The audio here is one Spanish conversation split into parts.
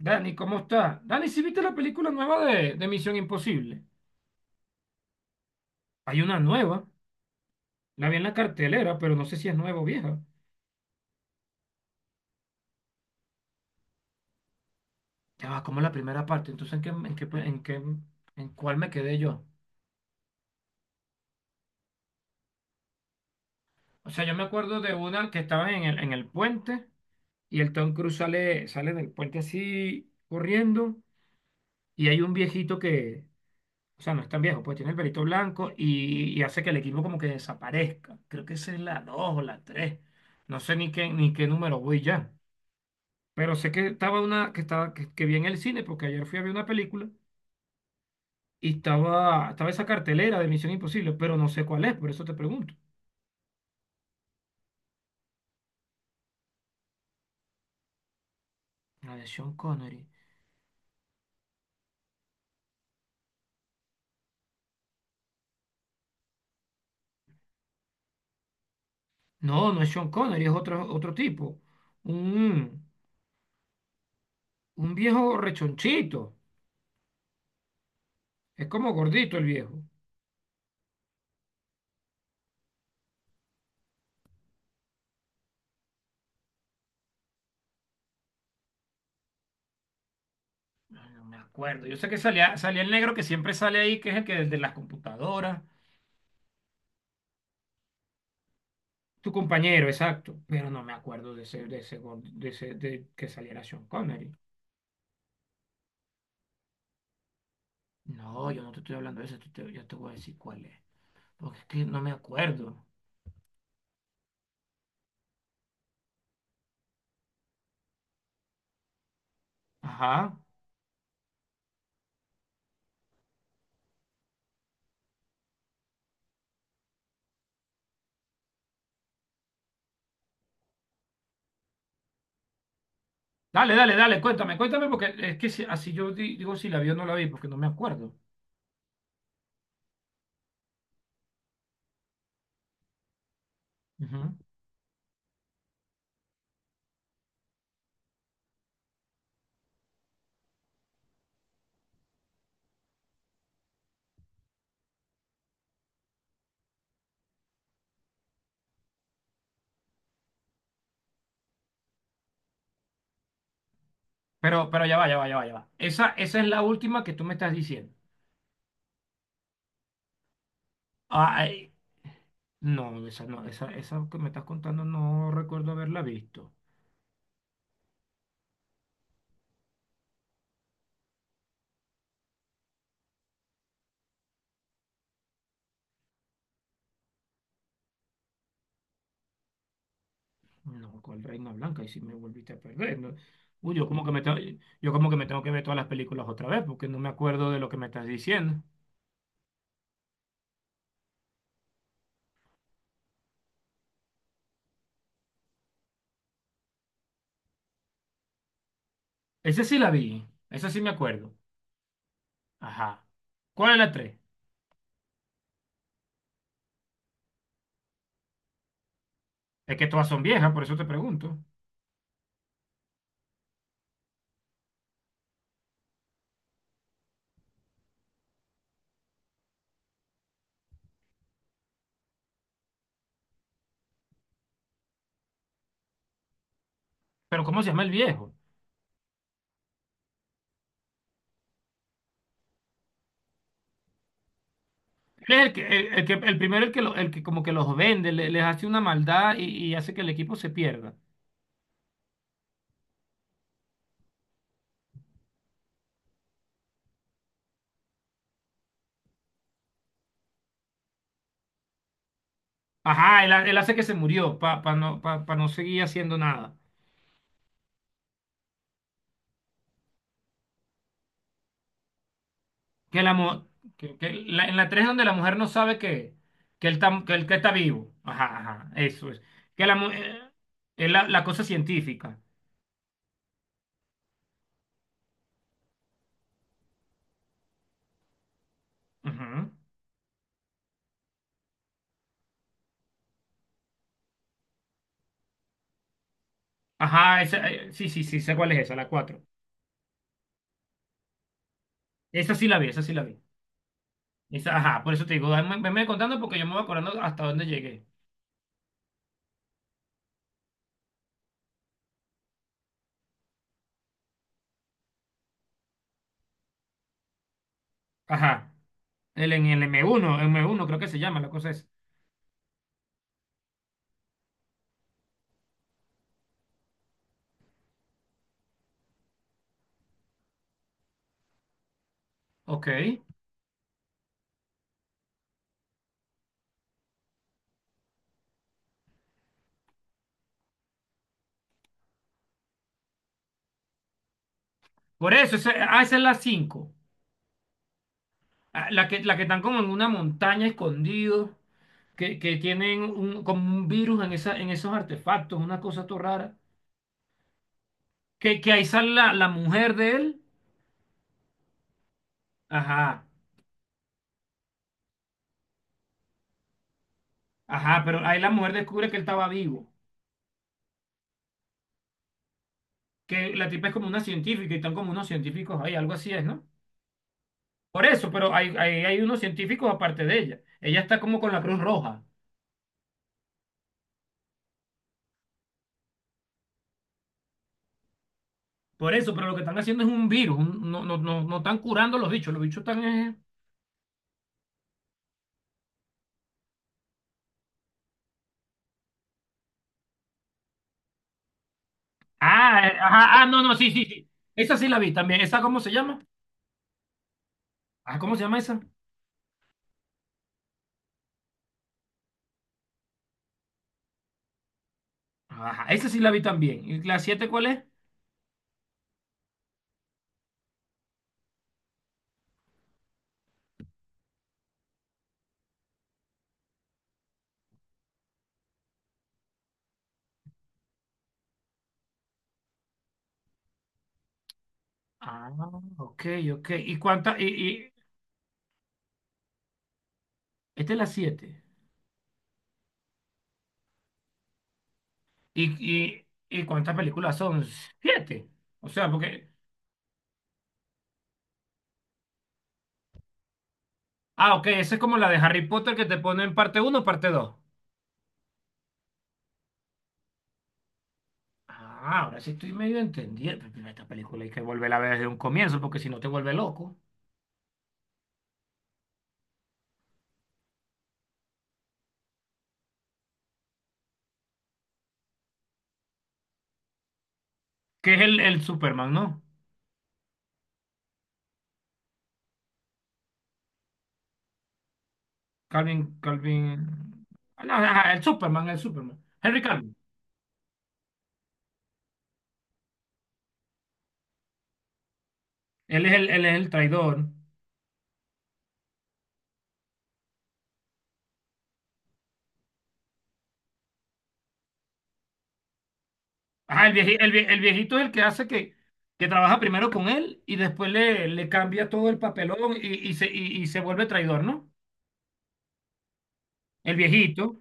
Dani, ¿cómo está? Dani, ¿sí viste la película nueva de Misión Imposible? Hay una nueva, la vi en la cartelera, pero no sé si es nueva o vieja. Ya va, como la primera parte, entonces ¿en qué, en cuál me quedé yo? O sea, yo me acuerdo de una que estaba en el puente y el Tom Cruise sale, sale del puente así corriendo y hay un viejito que, o sea, no es tan viejo, pues tiene el pelito blanco y hace que el equipo como que desaparezca. Creo que esa es la 2 o la 3. No sé ni qué, ni qué número voy ya. Pero sé que estaba una, que estaba, que vi en el cine, porque ayer fui a ver una película y estaba, estaba esa cartelera de Misión Imposible, pero no sé cuál es, por eso te pregunto. La de Sean Connery. No, no es Sean Connery, es otro, otro tipo. Un, un viejo rechonchito. Es como gordito el viejo. Ay, no me acuerdo. Yo sé que salía, salía el negro que siempre sale ahí, que es el que desde las computadoras. Tu compañero, exacto. Pero no me acuerdo de ese, de ese, de que saliera Sean Connery. No, yo no te estoy hablando de eso, yo te voy a decir cuál es. Porque es que no me acuerdo. Ajá. Dale, dale, dale, cuéntame, cuéntame, porque es que así yo digo si la vi o no la vi, porque no me acuerdo. Ujú. Pero ya va, ya va, ya va, ya va Esa, esa es la última que tú me estás diciendo. Ay, no, esa no, esa que me estás contando no recuerdo haberla visto. No, ¿cuál Reina Blanca? Y si me volviste a perder, no. Uy, yo como que me tengo, yo como que me tengo que ver todas las películas otra vez, porque no me acuerdo de lo que me estás diciendo. Esa sí la vi, esa sí me acuerdo. Ajá. ¿Cuál es la 3? Es que todas son viejas, por eso te pregunto. Pero ¿cómo se llama el viejo? Él es el que, el primero el que, el que como que los vende, les hace una maldad y hace que el equipo se pierda. Ajá, él, él hace que se murió para no, pa, pa no seguir haciendo nada. Que la, que, en la 3 donde la mujer no sabe que él tam que él que está vivo. Ajá, ajá, eso es. Que la, es la, la cosa científica. Ajá. Ajá, esa, sí, sí, sí, sé cuál es esa, la 4. Esa sí la vi, esa sí la vi. Esa, ajá, por eso te digo, venme contando porque yo me voy acordando hasta dónde llegué. Ajá, el, en el m uno creo que se llama, la cosa es. Ok, por eso, esa, ah, esa es la 5. Ah, la que, la que están como en una montaña escondidos, que tienen un, como un virus en, esa, en esos artefactos, una cosa todo rara. Que ahí sale la, la mujer de él. Ajá, ajá, pero ahí la mujer descubre que él estaba vivo. Que la tipa es como una científica y están como unos científicos ahí, algo así es, ¿no? Por eso, pero hay unos científicos aparte de ella. Ella está como con la Cruz Roja. Por eso, pero lo que están haciendo es un virus. No, no, no, no están curando los bichos. Los bichos están. Ah, ajá, ah, no, no, sí, sí, sí. Esa sí la vi también. ¿Esa cómo se llama? Ah, ¿cómo se llama esa? Ajá, esa sí la vi también. ¿Y la 7 cuál es? Ah, ok, ok. ¿Y cuántas? Esta es la 7. ¿Y, y cuántas películas son? 7. O sea, porque ah, ok, esa es como la de Harry Potter que te pone en parte uno, o parte dos. Ah, ahora sí estoy medio entendiendo. Pero esta película hay que volverla a ver desde un comienzo porque si no te vuelve loco. Que es el Superman, ¿no? Calvin, Calvin. Ah, no, ajá, el Superman, el Superman. Henry Calvin. Él es el traidor. Ah, el viejito, el viejito es el que hace que trabaja primero con él y después le, le cambia todo el papelón y se, y se vuelve traidor, ¿no? El viejito.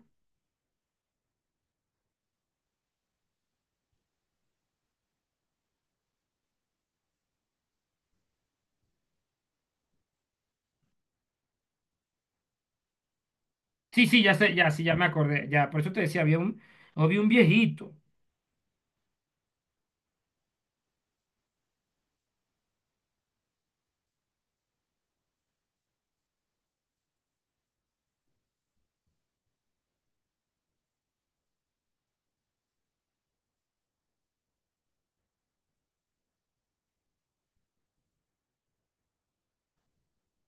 Sí, sí, ya sé, ya, sí, ya me acordé. Ya, por eso te decía, había un viejito.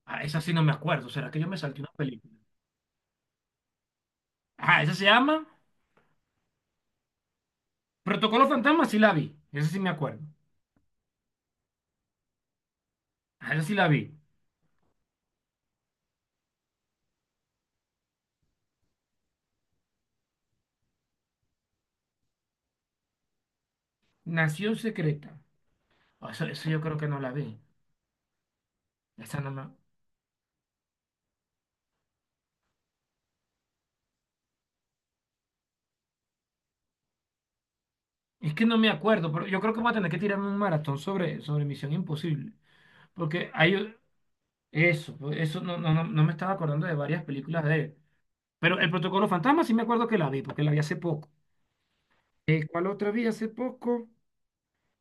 Ah, esa sí no me acuerdo. ¿Será que yo me salté una película? Ah, esa se llama Protocolo Fantasma, sí la vi. Esa sí me acuerdo. Ah, esa sí la vi. Nación Secreta. Ah, eso yo creo que no la vi. Esa no es que no me acuerdo, pero yo creo que voy a tener que tirarme un maratón sobre Misión Imposible. Porque hay eso, pues, eso no, no, no, no me estaba acordando de varias películas de él. Pero el Protocolo Fantasma sí me acuerdo que la vi, porque la vi hace poco. ¿Cuál otra vi hace poco?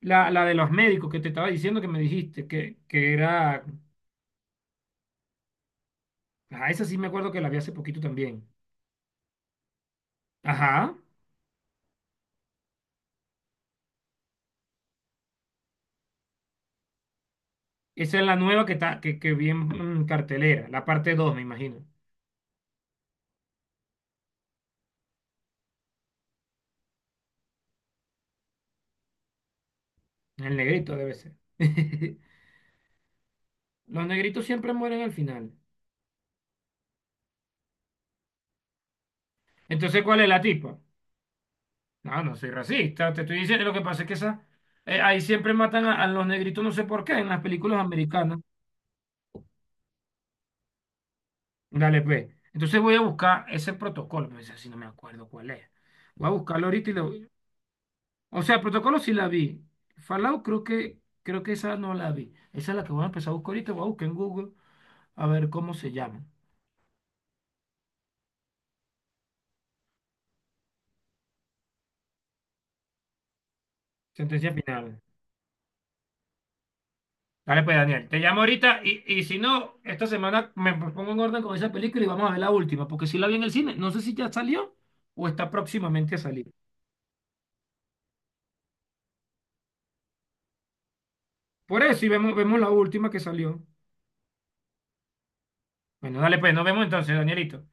La de los médicos que te estaba diciendo que me dijiste, que era... Ajá, esa sí me acuerdo que la vi hace poquito también. Ajá. Esa es la nueva que, está, que vi en, cartelera, la parte 2 me imagino. El negrito debe ser. Los negritos siempre mueren al final. Entonces, ¿cuál es la tipa? No, no soy racista, te estoy diciendo. Lo que pasa es que esa, ahí siempre matan a los negritos, no sé por qué, en las películas americanas. Dale, pues. Entonces voy a buscar ese protocolo, pero ese sí no me acuerdo cuál es. Voy a buscarlo ahorita y lo, o sea, Protocolo sí la vi. Fallout creo que esa no la vi. Esa es la que voy a empezar a buscar ahorita. Voy a buscar en Google a ver cómo se llama. Sentencia final. Dale pues, Daniel. Te llamo ahorita y si no, esta semana me pongo en orden con esa película y vamos a ver la última, porque si la vi en el cine, no sé si ya salió o está próximamente a salir. Por eso, y vemos, vemos la última que salió. Bueno, dale pues, nos vemos entonces, Danielito.